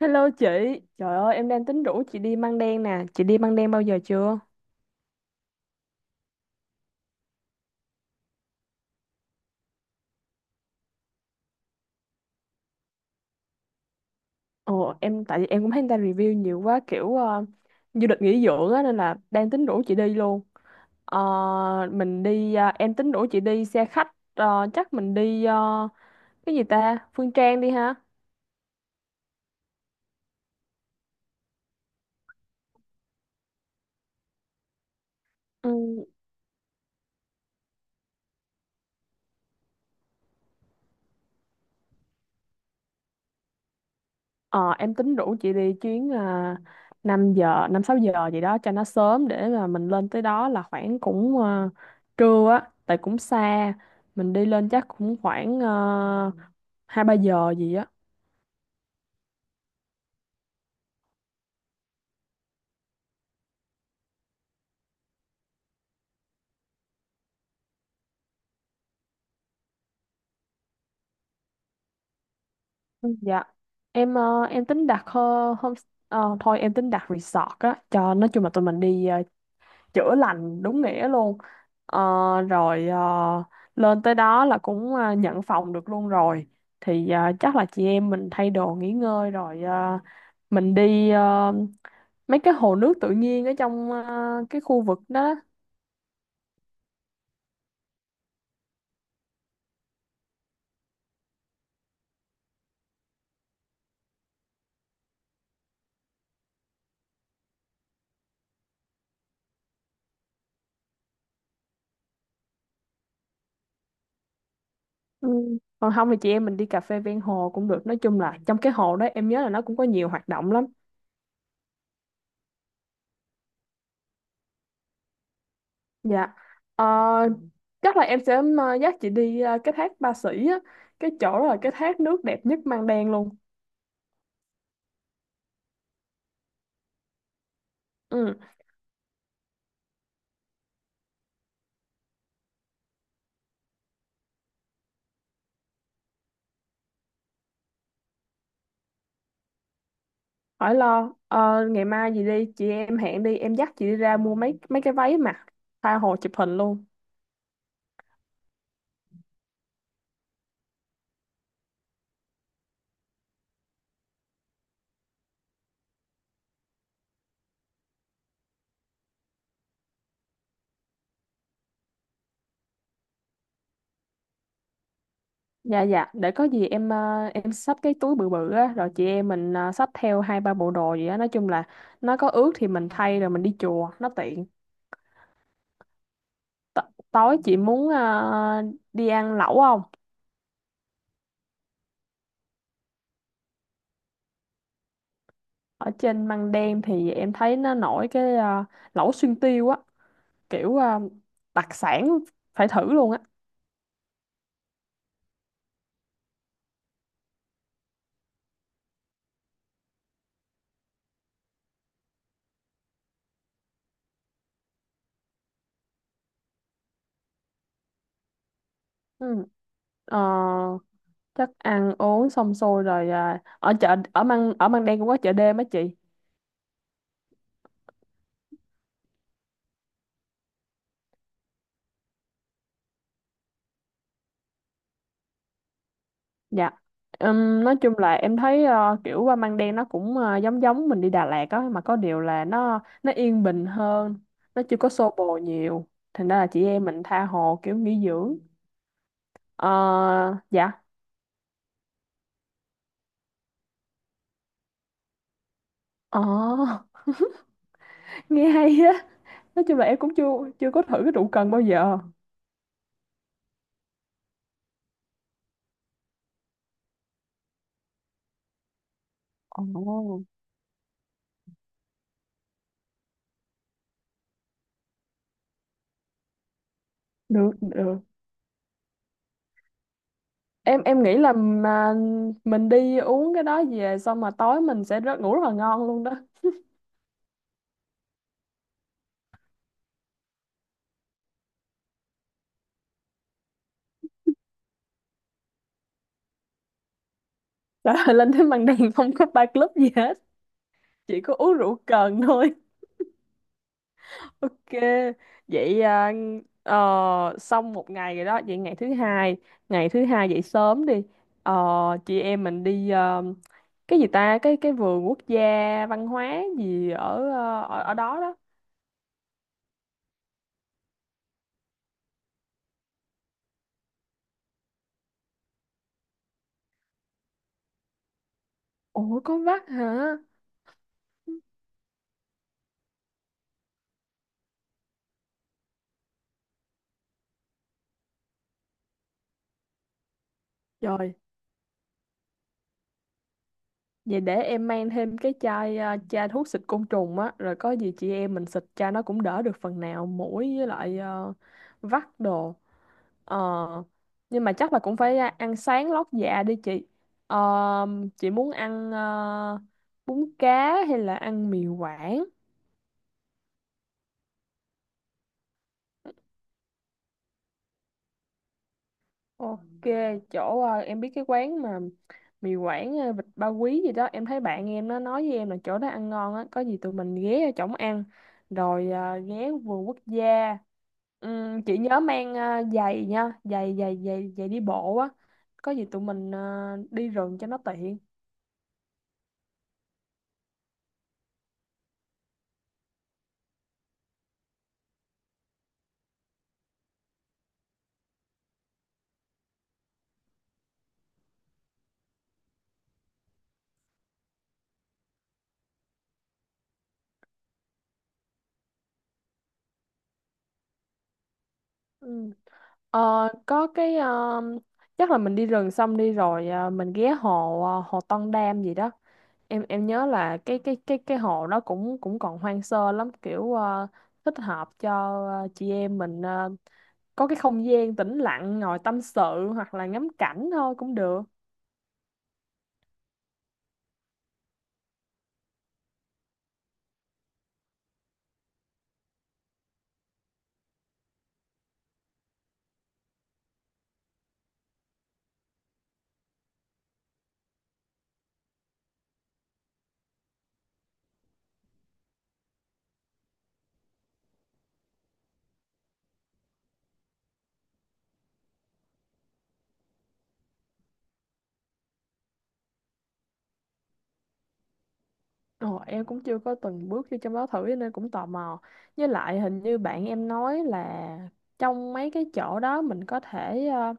Hello chị, trời ơi em đang tính rủ chị đi Măng Đen nè, chị đi Măng Đen bao giờ chưa? Ồ em tại vì em cũng thấy người ta review nhiều quá kiểu du lịch nghỉ dưỡng á nên là đang tính rủ chị đi luôn. Ờ, mình đi em tính rủ chị đi xe khách chắc mình đi cái gì ta? Phương Trang đi ha. Ừ. Ờ, em tính rủ chị đi chuyến à, 5 giờ, 5 6 giờ gì đó cho nó sớm để mà mình lên tới đó là khoảng trưa á, tại cũng xa. Mình đi lên chắc cũng khoảng 2 3 giờ gì á. Ừ. Dạ. Em tính đặt hôm ờ, thôi em tính đặt resort á cho nói chung là tụi mình đi chữa lành đúng nghĩa luôn. Ờ, rồi ờ, lên tới đó là cũng nhận phòng được luôn rồi thì chắc là chị em mình thay đồ nghỉ ngơi rồi mình đi mấy cái hồ nước tự nhiên ở trong cái khu vực đó. Ừ. Còn không thì chị em mình đi cà phê ven hồ cũng được, nói chung là trong cái hồ đó em nhớ là nó cũng có nhiều hoạt động lắm. Dạ. Ờ, chắc là em sẽ dắt chị đi cái thác Ba Sĩ á, cái chỗ đó là cái thác nước đẹp nhất Măng Đen luôn. Ừ. Khỏi lo, ngày mai gì đi, chị em hẹn đi, em dắt chị đi ra mua mấy mấy cái váy mặc, tha hồ chụp hình luôn. Dạ dạ, để có gì em xách cái túi bự bự á, rồi chị em mình xách theo hai ba bộ đồ gì á, nói chung là nó có ướt thì mình thay rồi mình đi chùa, nó tiện. T tối chị muốn đi ăn lẩu không? Ở trên Măng Đen thì em thấy nó nổi cái lẩu xuyên tiêu á, kiểu đặc sản phải thử luôn á. Ừ. Ờ, chắc ăn uống xong xuôi rồi à, ở chợ ở Măng Đen cũng có chợ đêm á chị. Dạ. Nói chung là em thấy kiểu qua Măng Đen nó cũng ờ, giống giống mình đi Đà Lạt á, mà có điều là nó yên bình hơn, nó chưa có xô bồ nhiều, thành ra là chị em mình tha hồ kiểu nghỉ dưỡng. Ờ, dạ ờ nghe hay á, nói chung là em cũng chưa chưa có thử cái rượu cần bao giờ. Ồ được được, em nghĩ là mà mình đi uống cái đó về xong mà tối mình sẽ rất ngủ rất là ngon luôn đó. Trời ơi, lên tới màn đêm không có bar club gì hết, chỉ có uống rượu cần thôi. Ok, vậy à, ờ, xong một ngày rồi đó, vậy ngày thứ hai dậy sớm đi. Ờ, chị em mình đi cái gì ta, cái vườn quốc gia văn hóa gì ở đó đó. Ủa có vắt hả? Trời. Vậy để em mang thêm cái chai à, chai thuốc xịt côn trùng á, rồi có gì chị em mình xịt chai nó cũng đỡ được phần nào muỗi với lại vắt đồ. Ờ, nhưng mà chắc là cũng phải à, ăn sáng lót dạ đi chị. Ờ, chị muốn ăn bún cá hay là ăn mì Quảng? Ok, chỗ em biết cái quán mà mì Quảng vịt ba quý gì đó, em thấy bạn em nó nói với em là chỗ đó ăn ngon á, có gì tụi mình ghé ở chỗ ăn rồi ghé vườn quốc gia. Chị nhớ mang giày nha, giày giày giày giày đi bộ á. Có gì tụi mình đi rừng cho nó tiện. Ừ. Ờ, có cái ờ, chắc là mình đi rừng xong đi rồi mình ghé hồ hồ Tân Đam gì đó, em nhớ là cái hồ nó cũng cũng còn hoang sơ lắm, kiểu thích hợp cho chị em mình có cái không gian tĩnh lặng ngồi tâm sự hoặc là ngắm cảnh thôi cũng được. Ồ, em cũng chưa có từng bước vô trong đó thử cho nên cũng tò mò, với lại hình như bạn em nói là trong mấy cái chỗ đó mình có thể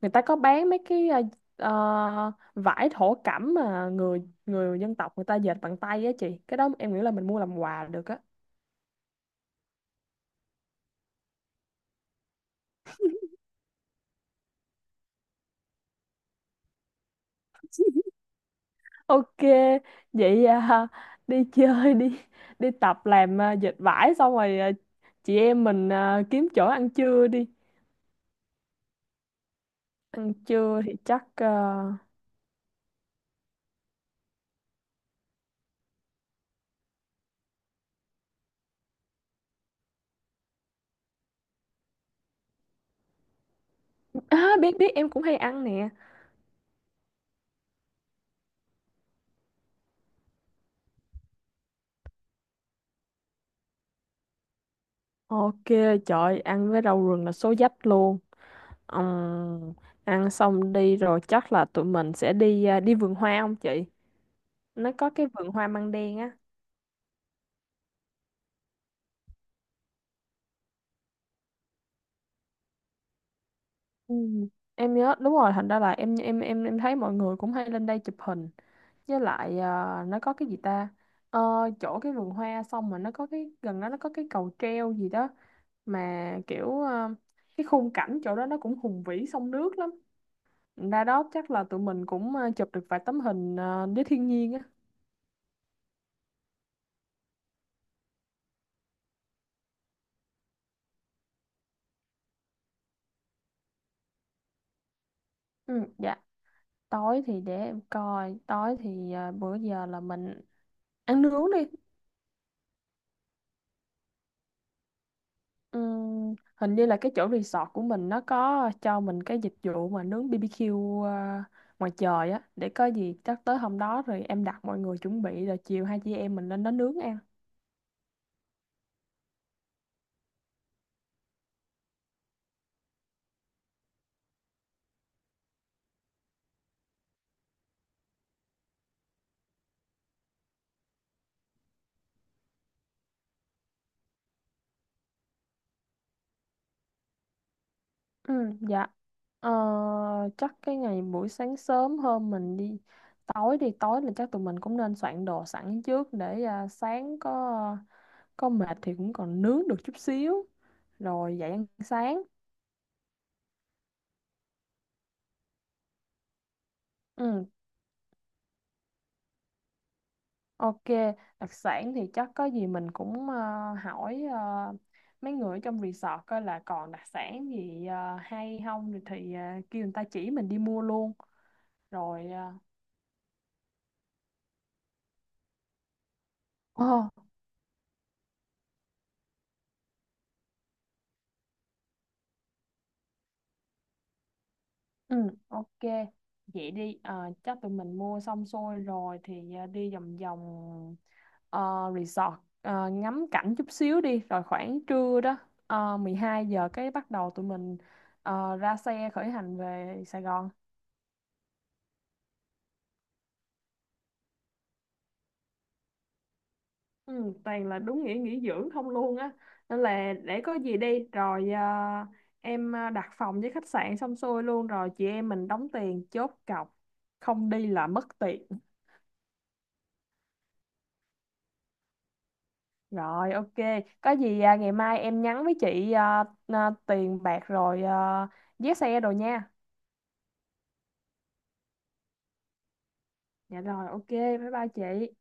người ta có bán mấy cái vải thổ cẩm mà người người dân tộc người ta dệt bằng tay á chị, cái đó em nghĩ là mình mua làm quà được á. Ok, vậy à, đi chơi đi, đi tập làm à, dệt vải xong rồi à, chị em mình à, kiếm chỗ ăn trưa đi. Ăn trưa thì chắc à, à, biết biết em cũng hay ăn nè. Ok, trời ăn với rau rừng là số dách luôn. Ừm, ăn xong đi rồi chắc là tụi mình sẽ đi à, đi vườn hoa không chị? Nó có cái vườn hoa măng đen á. Ừ. Em nhớ đúng rồi, thành ra là em thấy mọi người cũng hay lên đây chụp hình. Với lại nó có cái gì ta. Ờ, chỗ cái vườn hoa xong mà nó có cái gần đó nó có cái cầu treo gì đó mà kiểu cái khung cảnh chỗ đó nó cũng hùng vĩ sông nước lắm, ra đó chắc là tụi mình cũng chụp được vài tấm hình với thiên nhiên á. Ừ, dạ. Tối thì để em coi, tối thì à, bữa giờ là mình ăn nướng đi. Hình như là cái chỗ resort của mình nó có cho mình cái dịch vụ mà nướng BBQ ngoài trời á, để có gì chắc tới hôm đó rồi em đặt mọi người chuẩn bị rồi chiều hai chị em mình lên đó nướng ăn. Ừ, dạ ờ, chắc cái ngày buổi sáng sớm hơn mình đi, tối là chắc tụi mình cũng nên soạn đồ sẵn trước để à, sáng có mệt thì cũng còn nướng được chút xíu rồi dậy ăn sáng. Ừ, ok, đặc sản thì chắc có gì mình cũng hỏi mấy người ở trong resort coi là còn đặc sản gì hay không rồi thì kêu người ta chỉ mình đi mua luôn. Rồi ờ, Ồ, ừ ok. Vậy đi, chắc tụi mình mua xong xuôi rồi thì đi vòng vòng ờ, resort ngắm cảnh chút xíu đi rồi khoảng trưa đó 12 giờ cái bắt đầu tụi mình ra xe khởi hành về Sài Gòn. Ừ, toàn là đúng nghĩa nghỉ dưỡng không luôn á, nên là để có gì đi rồi à, em à, đặt phòng với khách sạn xong xuôi luôn rồi chị em mình đóng tiền chốt cọc, không đi là mất tiền. Rồi ok, có gì à, ngày mai em nhắn với chị à, à, tiền bạc rồi à, vé xe đồ nha. Dạ rồi ok bye bye chị.